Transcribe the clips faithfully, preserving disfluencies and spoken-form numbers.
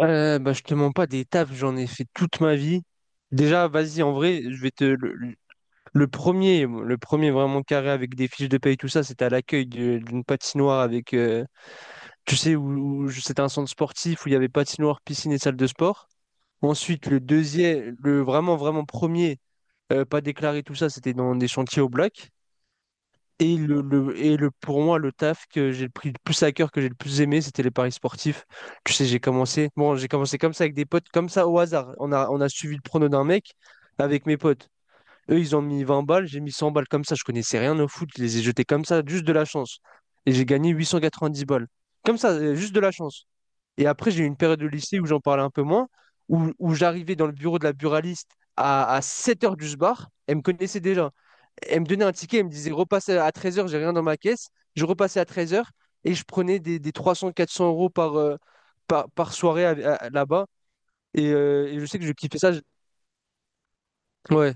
Euh, bah, je te mens pas, des tafs, j'en ai fait toute ma vie. Déjà, vas-y, en vrai, je vais te. Le, le- le premier, le premier vraiment carré avec des fiches de paye, tout ça, c'était à l'accueil de- d'une patinoire avec. Euh, tu sais, où, où- c'était un centre sportif où il y avait patinoire, piscine et salle de sport. Ensuite, le deuxième, le vraiment, vraiment premier, euh, pas déclaré, tout ça, c'était dans des chantiers au black. Et le, le- et le, pour moi, le taf que j'ai pris le plus à cœur, que j'ai le plus aimé, c'était les paris sportifs. Tu sais, j'ai commencé, bon, j'ai commencé comme ça avec des potes, comme ça au hasard. On a, on a suivi le prono d'un mec avec mes potes. Eux, ils ont mis vingt balles, j'ai mis cent balles comme ça. Je connaissais rien au foot, je les ai jetés comme ça, juste de la chance. Et j'ai gagné huit cent quatre-vingt-dix balles. Comme ça, euh, juste de la chance. Et après, j'ai eu une période de lycée où j'en parlais un peu moins, où, où j'arrivais dans le bureau de la buraliste à, à sept heures du bar. Elle me connaissait déjà. Elle me donnait un ticket, elle me disait repasse à treize heures, j'ai rien dans ma caisse. Je repassais à treize heures et je prenais des, des trois cents, quatre cents euros par, euh, par, par soirée à- à- là-bas. Et, euh, et je sais que je kiffais ça. je- Ouais.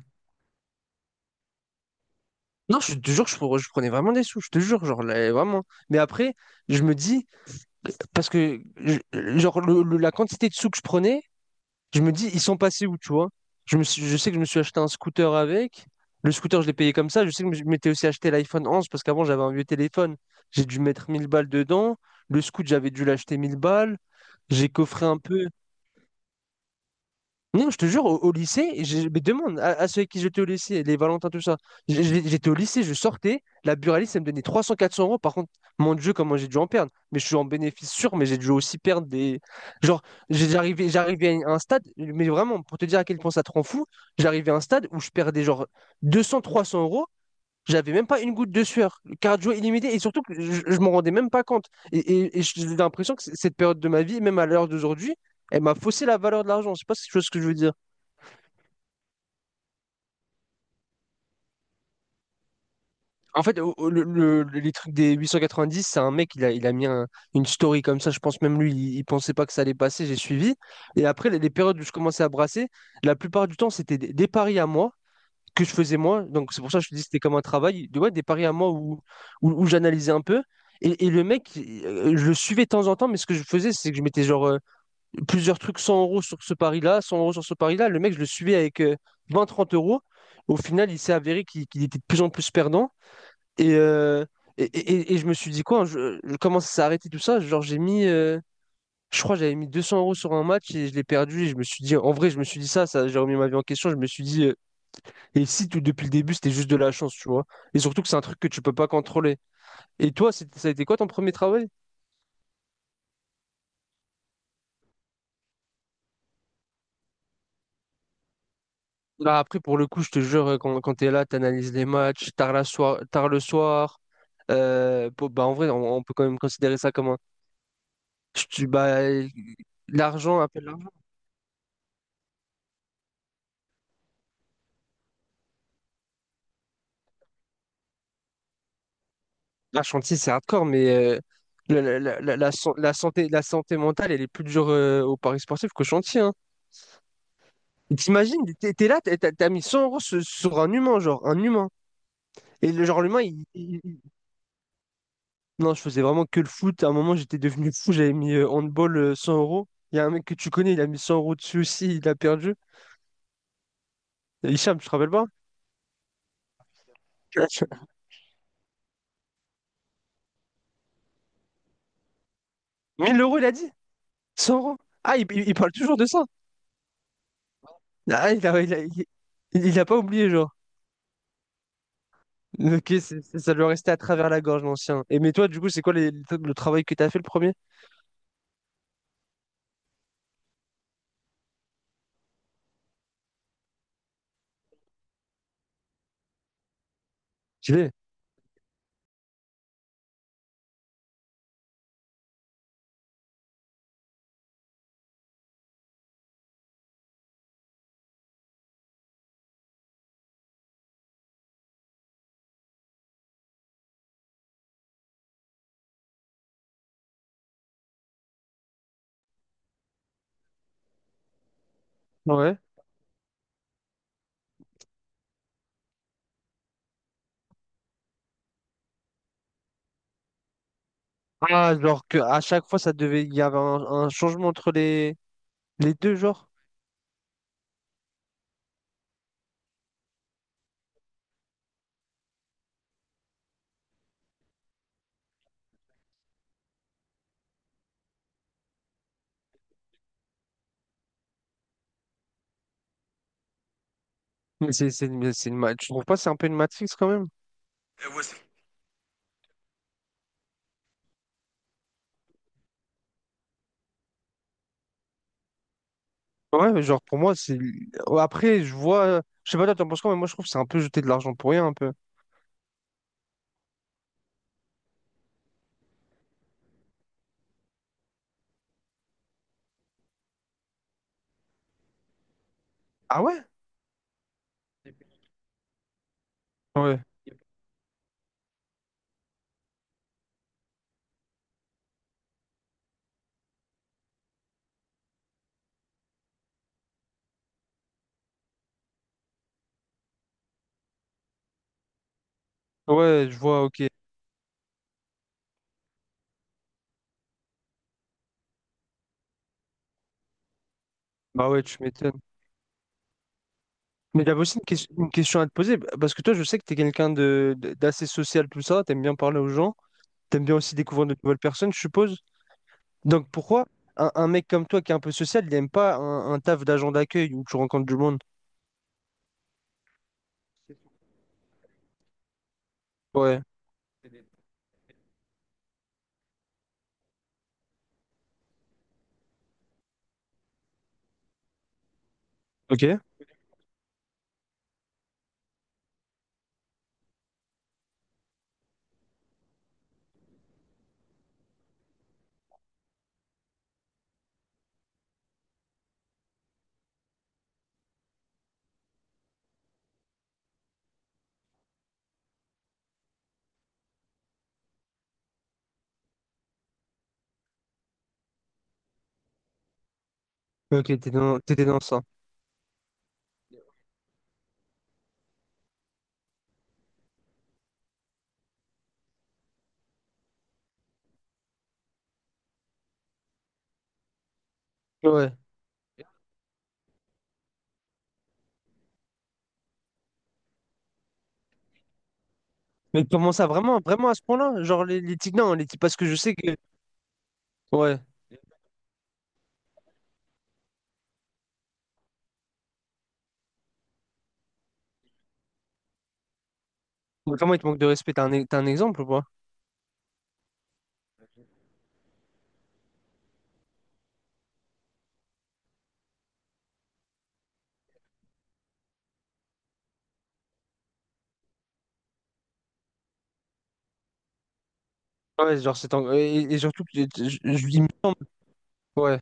Non, je te jure, je, pre- je prenais vraiment des sous, je te jure, genre, là, vraiment. Mais après, je me dis, parce que, je- genre, le- le- la quantité de sous que je prenais, je me dis, ils sont passés où, tu vois? Je me suis- je sais que je me suis acheté un scooter avec. Le scooter, je l'ai payé comme ça. Je sais que je m'étais aussi acheté l'iPhone onze parce qu'avant, j'avais un vieux téléphone. J'ai dû mettre mille balles dedans. Le scoot, j'avais dû l'acheter mille balles. J'ai coffré un peu. Non, je te jure, au, au lycée, je, mais demande à, à ceux avec qui j'étais au lycée, les Valentins, tout ça. J'- j'- J'étais au lycée, je sortais, la buraliste, elle me donnait trois cents-quatre cents euros. Par contre, mon Dieu, comment j'ai dû en perdre. Mais je suis en bénéfice sûr, mais j'ai dû aussi perdre des. Genre, j'ai- j'arrivais, j'arrivais à un stade, mais vraiment, pour te dire à quel point ça te rend fou, j'arrivais à un stade où je perdais genre deux cents-trois cents euros. J'avais même pas une goutte de sueur, cardio illimité, et surtout que je, je m'en rendais même pas compte. Et, et, et j'ai l'impression que c- cette période de ma vie, même à l'heure d'aujourd'hui, elle m'a faussé la valeur de l'argent. Je sais pas si tu vois ce que je veux dire. En fait, au- au- le, le- les trucs des dix c'est un mec, il a, il a mis un- une story comme ça. Je pense même lui, il, il pensait pas que ça allait passer. J'ai suivi. Et après, les, les périodes où je commençais à brasser, la plupart du temps, c'était des, des paris à moi que je faisais moi. Donc, c'est pour ça que je te dis que c'était comme un travail. De- Ouais, des paris à moi où, où, où j'analysais un peu. Et, et le mec, euh, je le suivais de temps en temps, mais ce que je faisais, c'est que je mettais genre euh, plusieurs trucs cent euros sur ce pari-là, cent euros sur ce pari-là. Le mec, je le suivais avec euh, vingt trente euros. Au final, il s'est avéré qu'il qu'il était de plus en plus perdant. Et, euh, et, et, et- et je me suis dit quoi, je, je commence à s'arrêter tout ça. Genre, j'ai mis, euh, je crois, que j'avais mis deux cents euros sur un match et je l'ai perdu. Et je me suis dit, en vrai, je me suis dit ça, ça, j'ai remis ma vie en question. Je me suis dit, euh, et si tout depuis le début, c'était juste de la chance, tu vois. Et surtout que c'est un truc que tu peux pas contrôler. Et toi, c'était- ça a été quoi ton premier travail? Là, après, pour le coup, je te jure, euh, quand, quand t'es là, t'analyses les matchs tard, la soir, tard le soir. euh, pour- bah, en vrai, on, on peut quand même considérer ça comme un. Je- tu- bah, l'argent, appelle. Un chantier, c'est hardcore, mais euh, la, la- la- la- la san- la santé, la santé, mentale, elle est plus dure euh, au Paris sportif qu'au chantier. Hein. Et t'imagines, t'es t'es là, t'as t'as- t'as mis cent euros sur, sur un humain, genre, un humain. Et le genre, l'humain, il, il- il- Non, je faisais vraiment que le foot. À un moment, j'étais devenu fou, j'avais mis euh, handball euh, cent euros. Il y a un mec que tu connais, il a mis cent euros dessus aussi, il a perdu. Hicham, tu te rappelles pas? Mille euros, il a dit? Cent euros. Ah, il, il- il parle toujours de ça. Ah, il a, il a- il- il a pas oublié, genre. Ok, c'est- c'est- ça doit rester à travers la gorge, l'ancien. Et mais toi, du coup, c'est quoi les- le travail que t'as fait le premier? Je l'ai. Ouais. Ah, genre que à chaque fois, ça devait, il y avait un, un changement entre les, les deux, genre. Mais c'est, c'est, mais c'est une, ma- tu trouves pas, c'est un peu une matrix quand même? Euh, ouais, c'est- Ouais, mais genre pour moi, c'est. Ouais, après, je vois. Je sais pas, toi, t'en penses quoi, mais moi, je trouve que c'est un peu jeter de l'argent pour rien, un peu. Ah ouais? Ouais, ouais, je vois, ok. Bah ouais, tu m'étonnes. Mais j'avais aussi une, ques- une question à te poser, parce que toi, je sais que t'es quelqu'un de, de- d'assez social, tout ça, t'aimes bien parler aux gens. T'aimes bien aussi découvrir de nouvelles personnes, je suppose. Donc pourquoi un, un mec comme toi qui est un peu social, il n'aime pas un, un taf d'agent d'accueil où tu rencontres du monde? Ouais. Ok. Ok, t'étais dans, t'étais dans ça. Ouais. Mais comment ça, vraiment, vraiment à ce point-là? Genre les, les types, non, les types, parce que je sais que. Ouais. Mais Comment ils te manquent de respect? T'as un, e- t'as un exemple ou pas? Ouais, genre c'est. en- Et, et surtout, que je, je- je- il me semble. Ouais.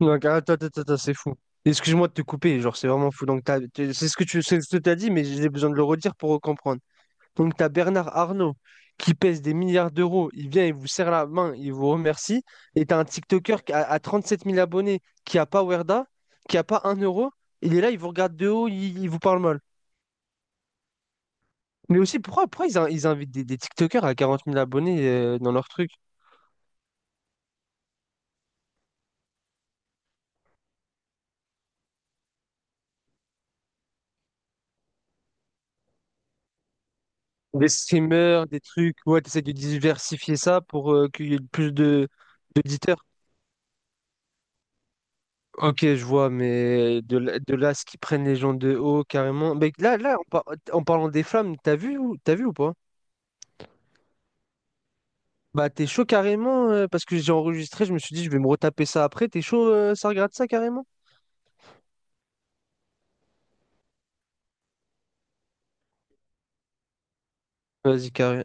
Donc attends, attends, attends, attends, c'est fou. Excuse-moi de te couper, genre c'est vraiment fou. Donc t'as- t'es- c'est ce que tu, c'est ce que t'as dit, mais j'ai besoin de le redire pour comprendre. Donc, tu as Bernard Arnault qui pèse des milliards d'euros. Il vient, il vous serre la main, il vous remercie. Et tu as un TikToker qui a, à trente-sept mille abonnés qui n'a pas Werda, qui n'a pas un euro. Il est là, il vous regarde de haut, il, il vous parle mal. Mais aussi, pourquoi, pourquoi ils, in- ils invitent des, des TikTokers à quarante mille abonnés euh, dans leur truc? Des streamers, des trucs. Ouais, tu essaies de diversifier ça pour euh, qu'il y ait plus de d'auditeurs. Ok, je vois, mais de, là- de là, ce qu'ils prennent les gens de haut, carrément. Mais là, là, en, par- en parlant des flammes, t'as vu, ou- t'as vu ou pas? Bah, t'es chaud carrément, euh, parce que j'ai enregistré, je me suis dit, je vais me retaper ça après. T'es chaud, euh, ça regarde ça carrément? Vas-y, carré-